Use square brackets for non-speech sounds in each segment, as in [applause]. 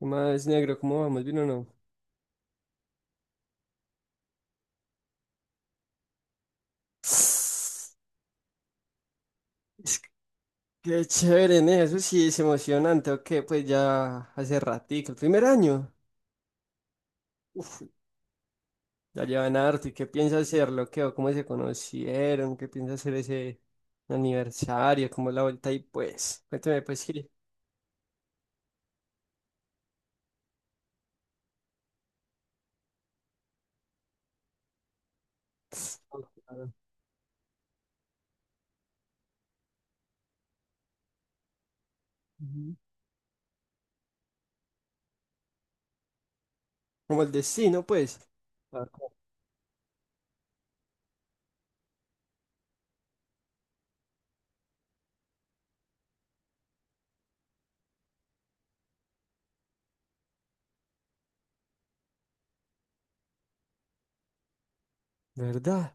Más negro, ¿cómo vamos? ¿Bien o no? Es que- Qué chévere, ¿no? Eso sí es emocionante, ¿ok? Pues ya hace ratico, el primer año. Uf, ya llevan harto. ¿Y qué piensa hacerlo? ¿Qué? ¿O cómo se conocieron? ¿Qué piensa hacer ese aniversario? ¿Cómo la vuelta? Y pues, cuéntame, pues, ¿qué? Oh, claro. Ujú. Como el destino, pues. Claro. ¿Verdad?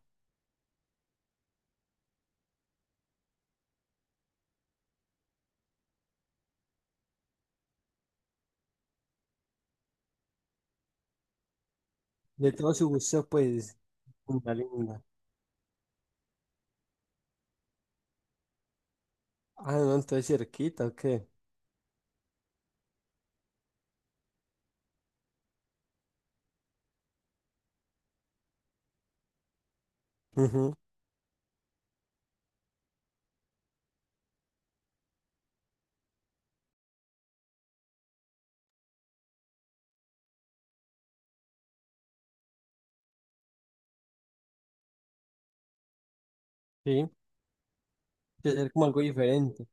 De todo su gusto, pues, linda, linda. Ah, no, entonces cerquita, ¿o qué? Ujú, sí, debe ser como algo diferente.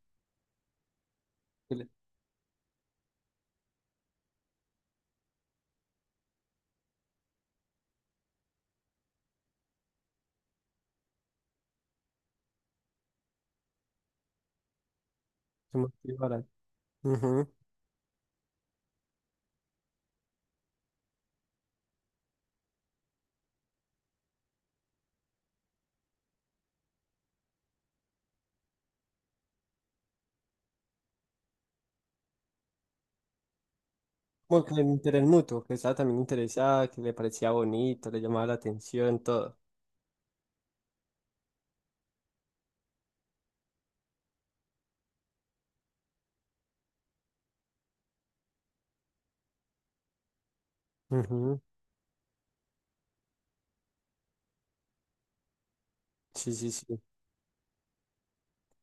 que le- Se motivaran. Ujú. Como que el interés mutuo, que estaba también interesada, que le parecía bonito, le llamaba la atención, todo. Ujú. Sí, sí, sí.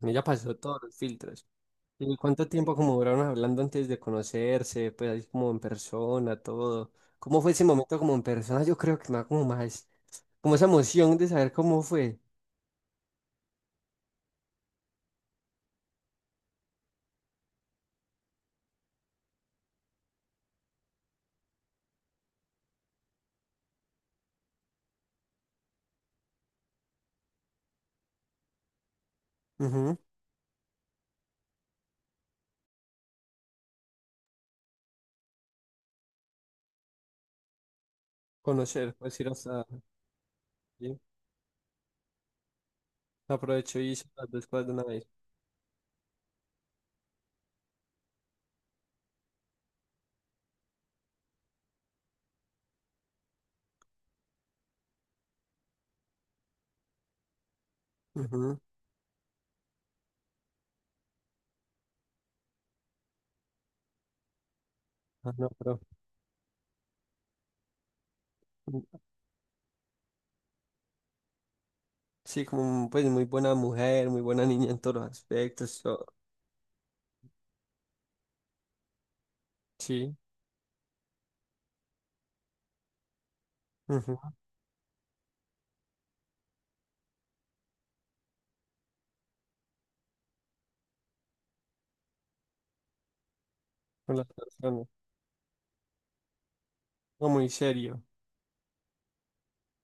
Ella pasó todos los filtros. ¿Y cuánto tiempo como duraron hablando antes de conocerse? Pues ahí como en persona, todo. ¿Cómo fue ese momento como en persona? Yo creo que me da como más, como esa emoción de saber cómo fue. Ujú. Conocer, pues ir hasta allí. Aprovecho y hice las dos cosas de una vez. Ujú. Ah, no, pero sí, como pues muy buena mujer, muy buena niña en todos los aspectos, todo. Sí, ujú, con las personas. No, muy serio.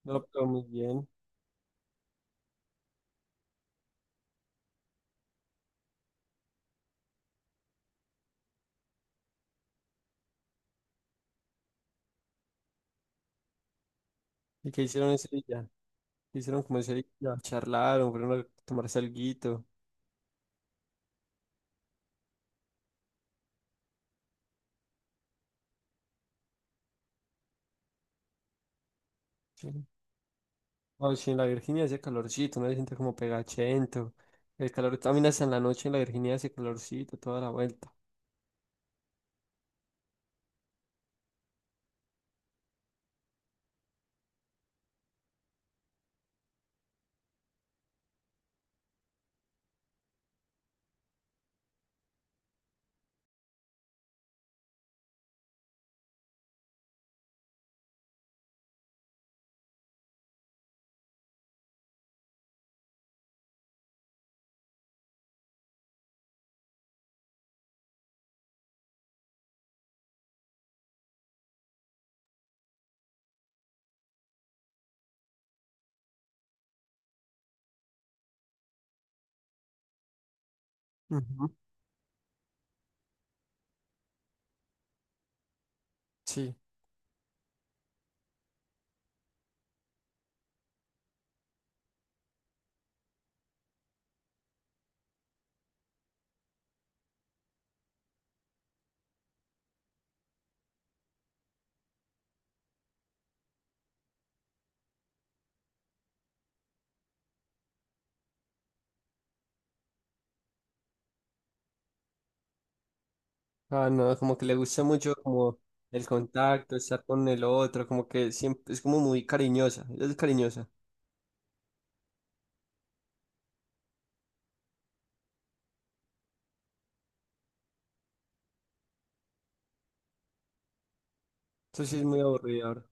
No, pero muy bien. ¿Y qué hicieron ese día? ¿Qué hicieron como ese día? Charlaron, fueron a tomarse alguito. Sí. No, sí, en la Virginia hace calorcito, no se siente como pegachento. El calor también hasta en la noche en la Virginia hace calorcito, toda la vuelta. Ujú. Sí. Ah, no, como que le gusta mucho como el contacto, estar con el otro, como que siempre es como muy cariñosa. Ella es cariñosa. Eso sí es muy aburrido ahora.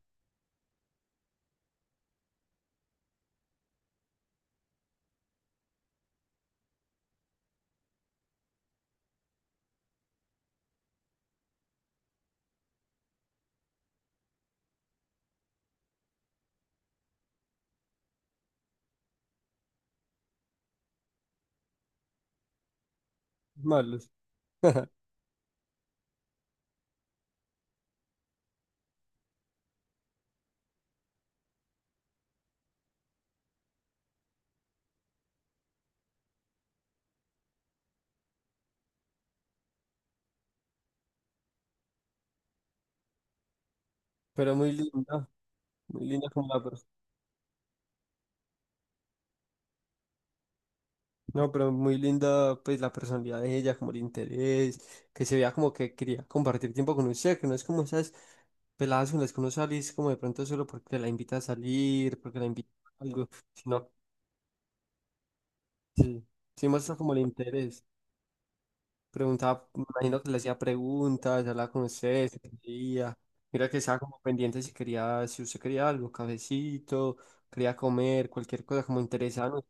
Malos. [laughs] Pero muy linda. Muy linda como la persona. No, pero muy linda pues la personalidad de ella, como el interés, que se vea como que quería compartir tiempo con usted, que no es como esas peladas con las que uno sale y es como de pronto solo porque la invita a salir, porque la invita a algo, sino sí, sí muestra como el interés. Preguntaba, me imagino que le hacía preguntas, hablaba con usted, si quería. Mira que estaba como pendiente si quería, si usted quería algo, cafecito, quería comer, cualquier cosa como interesante.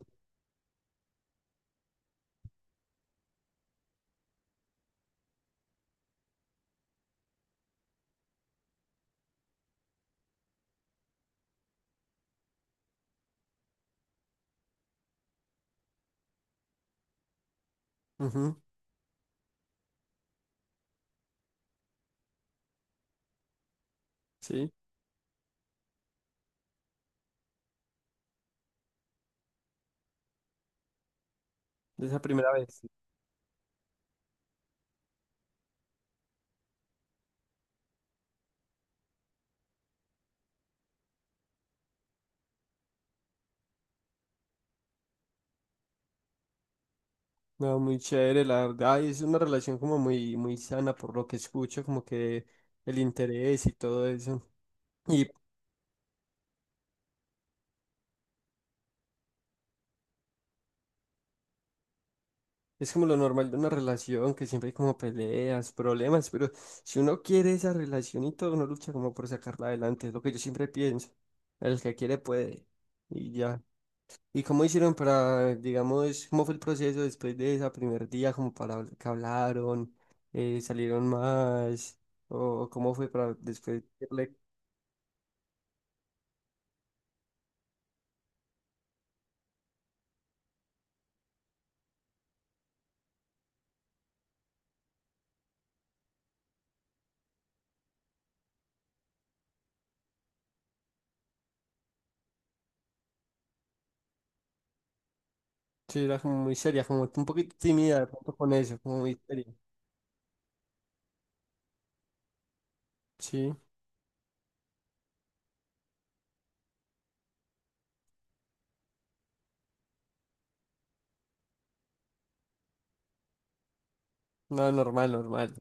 Ujú, sí, de esa primera vez. No, muy chévere, la verdad. Y es una relación como muy, muy sana por lo que escucho, como que el interés y todo eso. Y es como lo normal de una relación, que siempre hay como peleas, problemas, pero si uno quiere esa relación y todo, uno lucha como por sacarla adelante, es lo que yo siempre pienso. El que quiere puede, y ya. ¿Y cómo hicieron para, digamos, cómo fue el proceso después de ese primer día, como para que hablaron, salieron más, o cómo fue para después decirle? Sí, era como muy seria, como un poquito tímida, de pronto con eso, como muy seria. Sí, no, normal, normal.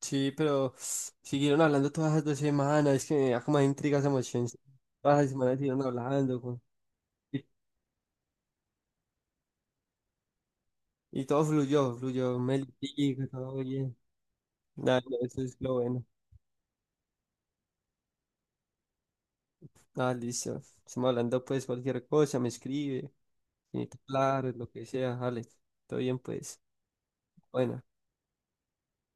Sí, pero siguieron hablando todas las dos semanas, es que me da como intrigas emociones. Todas las semanas siguieron hablando, güey. Y, y todo fluyó, fluyó, me litigo, todo bien. Nada, no, eso es lo bueno. Ah, listo. Estamos hablando pues cualquier cosa, me escribe, si necesita hablar, lo que sea, Alex. Todo bien pues. Bueno.